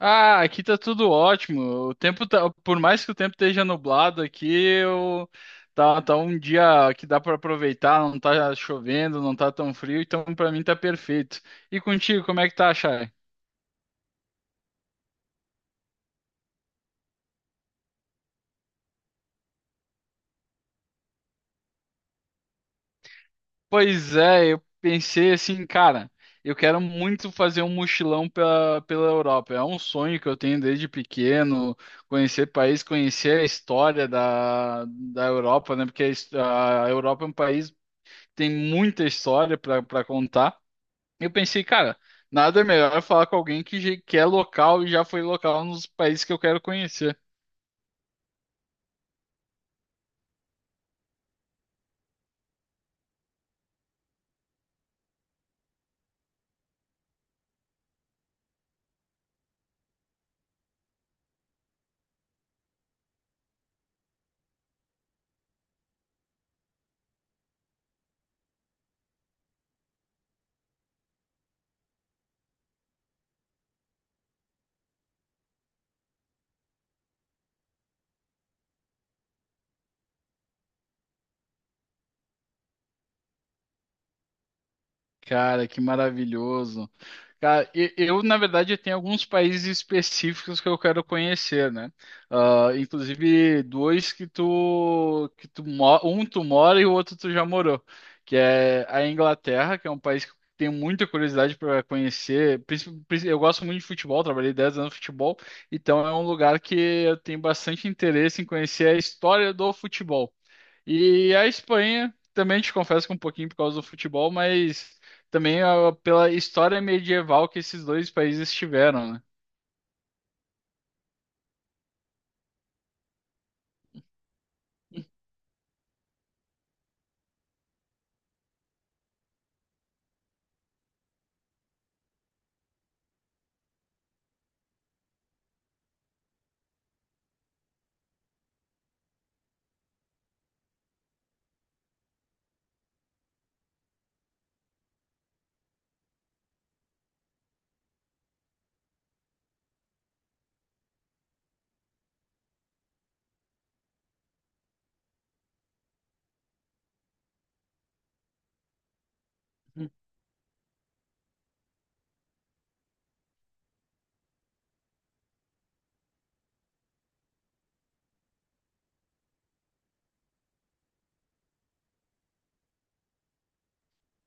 Ah, aqui tá tudo ótimo. O tempo tá, por mais que o tempo esteja nublado aqui, eu tá, um dia que dá para aproveitar, não tá chovendo, não tá tão frio, então pra mim tá perfeito. E contigo, como é que tá, Chay? Pois é, eu pensei assim, cara, eu quero muito fazer um mochilão pela Europa. É um sonho que eu tenho desde pequeno, conhecer país, conhecer a história da Europa, né? Porque a Europa é um país que tem muita história para contar. Eu pensei, cara, nada melhor falar com alguém que é local e já foi local nos países que eu quero conhecer. Cara, que maravilhoso. Cara, eu, na verdade, tenho alguns países específicos que eu quero conhecer, né? Ah, inclusive, dois um tu mora e o outro tu já morou, que é a Inglaterra, que é um país que eu tenho muita curiosidade para conhecer. Eu gosto muito de futebol, trabalhei 10 anos no futebol, então é um lugar que eu tenho bastante interesse em conhecer a história do futebol. E a Espanha, também te confesso que um pouquinho por causa do futebol, mas também pela história medieval que esses dois países tiveram, né?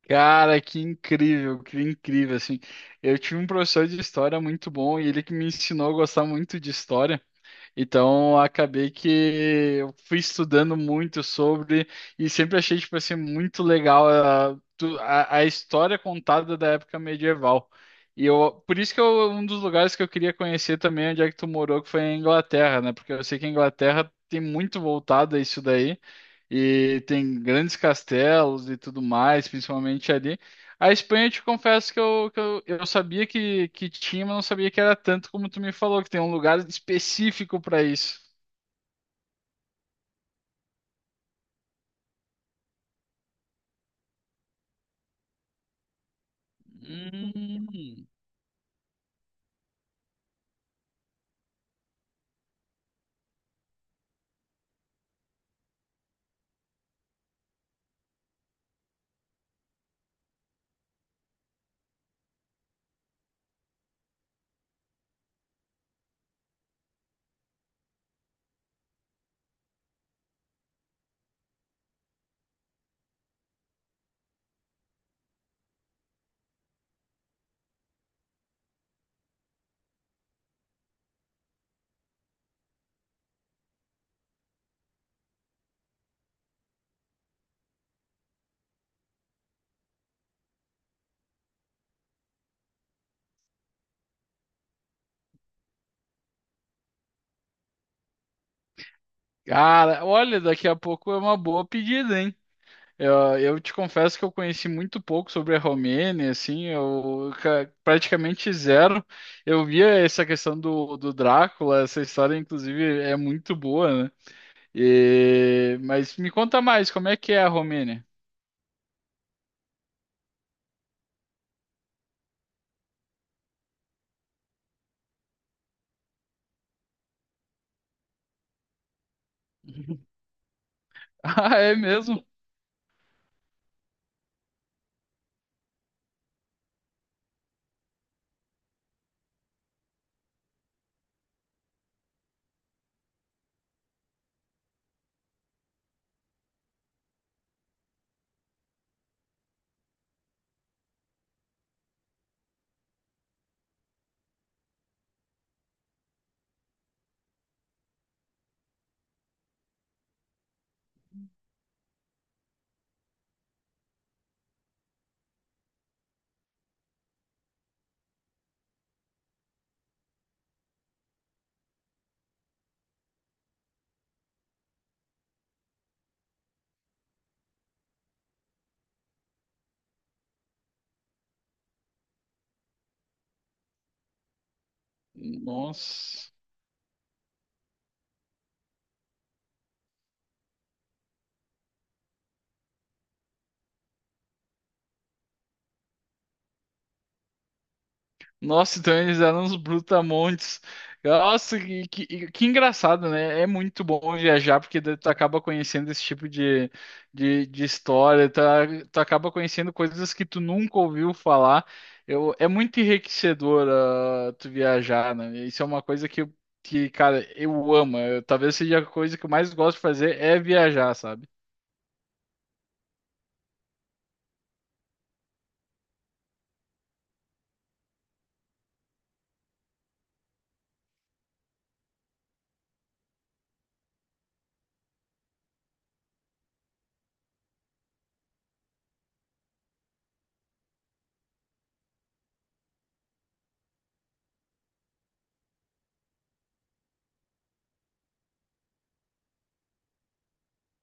Cara, que incrível, assim. Eu tive um professor de história muito bom e ele que me ensinou a gostar muito de história. Então, acabei que eu fui estudando muito sobre e sempre achei, tipo assim, muito legal a história contada da época medieval. Por isso que eu, um dos lugares que eu queria conhecer também é onde é que tu morou, que foi a Inglaterra, né? Porque eu sei que a Inglaterra tem muito voltado a isso daí. E tem grandes castelos e tudo mais, principalmente ali. A Espanha, eu te confesso que eu sabia que tinha, mas não sabia que era tanto como tu me falou, que tem um lugar específico para isso. Hum. Cara, olha, daqui a pouco é uma boa pedida, hein? Eu te confesso que eu conheci muito pouco sobre a Romênia, assim, praticamente zero. Eu via essa questão do Drácula, essa história, inclusive, é muito boa, né? Mas me conta mais, como é que é a Romênia? Ah, é mesmo? Nossa. Nossa, então eles eram uns brutamontes. Nossa, que engraçado, né? É muito bom viajar, porque daí tu acaba conhecendo esse tipo de história, tu, tu acaba conhecendo coisas que tu nunca ouviu falar. Eu, é muito enriquecedor, ah, tu viajar, né? Isso é uma coisa que, cara, eu amo. Talvez seja a coisa que eu mais gosto de fazer é viajar, sabe?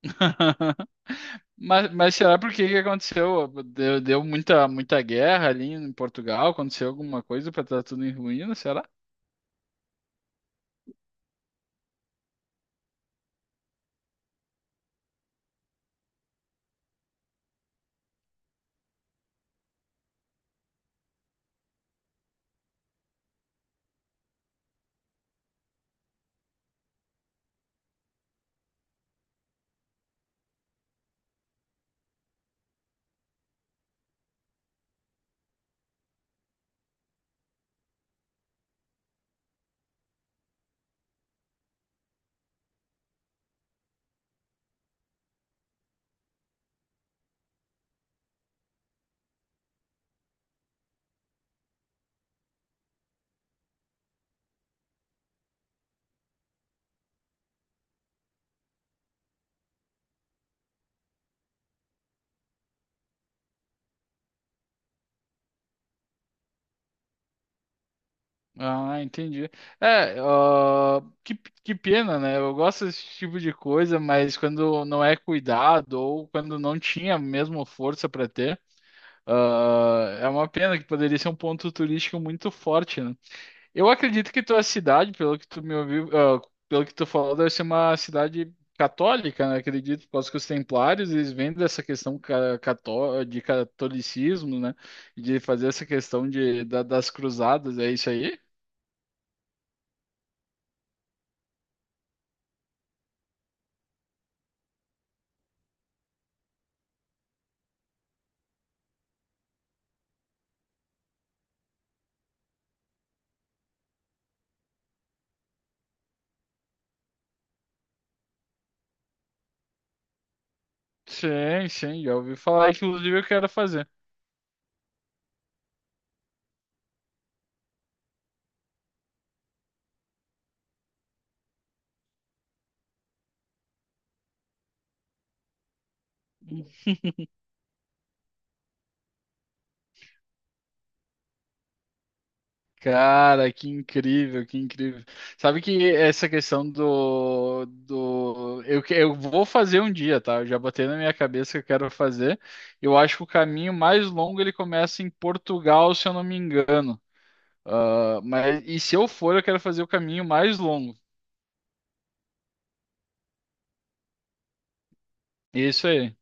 Mas será por que que aconteceu? Deu muita guerra ali em Portugal? Aconteceu alguma coisa para estar tudo em ruínas, será? Ah, entendi. É, ó, que pena, né? Eu gosto desse tipo de coisa, mas quando não é cuidado ou quando não tinha mesmo força para ter, ah, é uma pena que poderia ser um ponto turístico muito forte, né? Eu acredito que tua cidade, pelo que tu me ouviu, ah, pelo que tu falou, deve ser uma cidade católica, né? Acredito, por causa que os templários, eles vêm dessa questão ca- cató de catolicismo, né? E de fazer essa questão das cruzadas, é isso aí? Sim, sim, já ouvi falar, inclusive eu quero fazer. Cara, que incrível, que incrível. Sabe que essa questão eu vou fazer um dia, tá? Eu já botei na minha cabeça que eu quero fazer. Eu acho que o caminho mais longo ele começa em Portugal, se eu não me engano. Ah, mas e se eu for, eu quero fazer o caminho mais longo. Isso aí.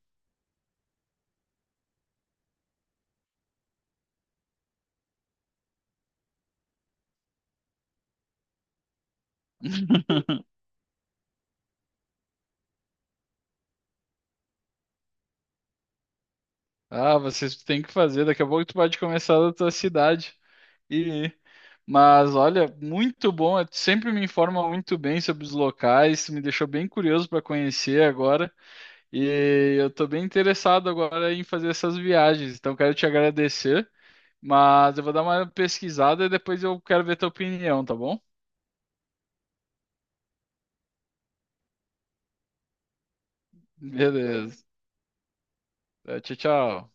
Ah, vocês têm que fazer. Daqui a pouco tu pode começar da tua cidade. E, mas olha, muito bom. Sempre me informa muito bem sobre os locais. Me deixou bem curioso para conhecer agora. E eu estou bem interessado agora em fazer essas viagens. Então quero te agradecer. Mas eu vou dar uma pesquisada e depois eu quero ver tua opinião, tá bom? Beleza. Tchau, tchau.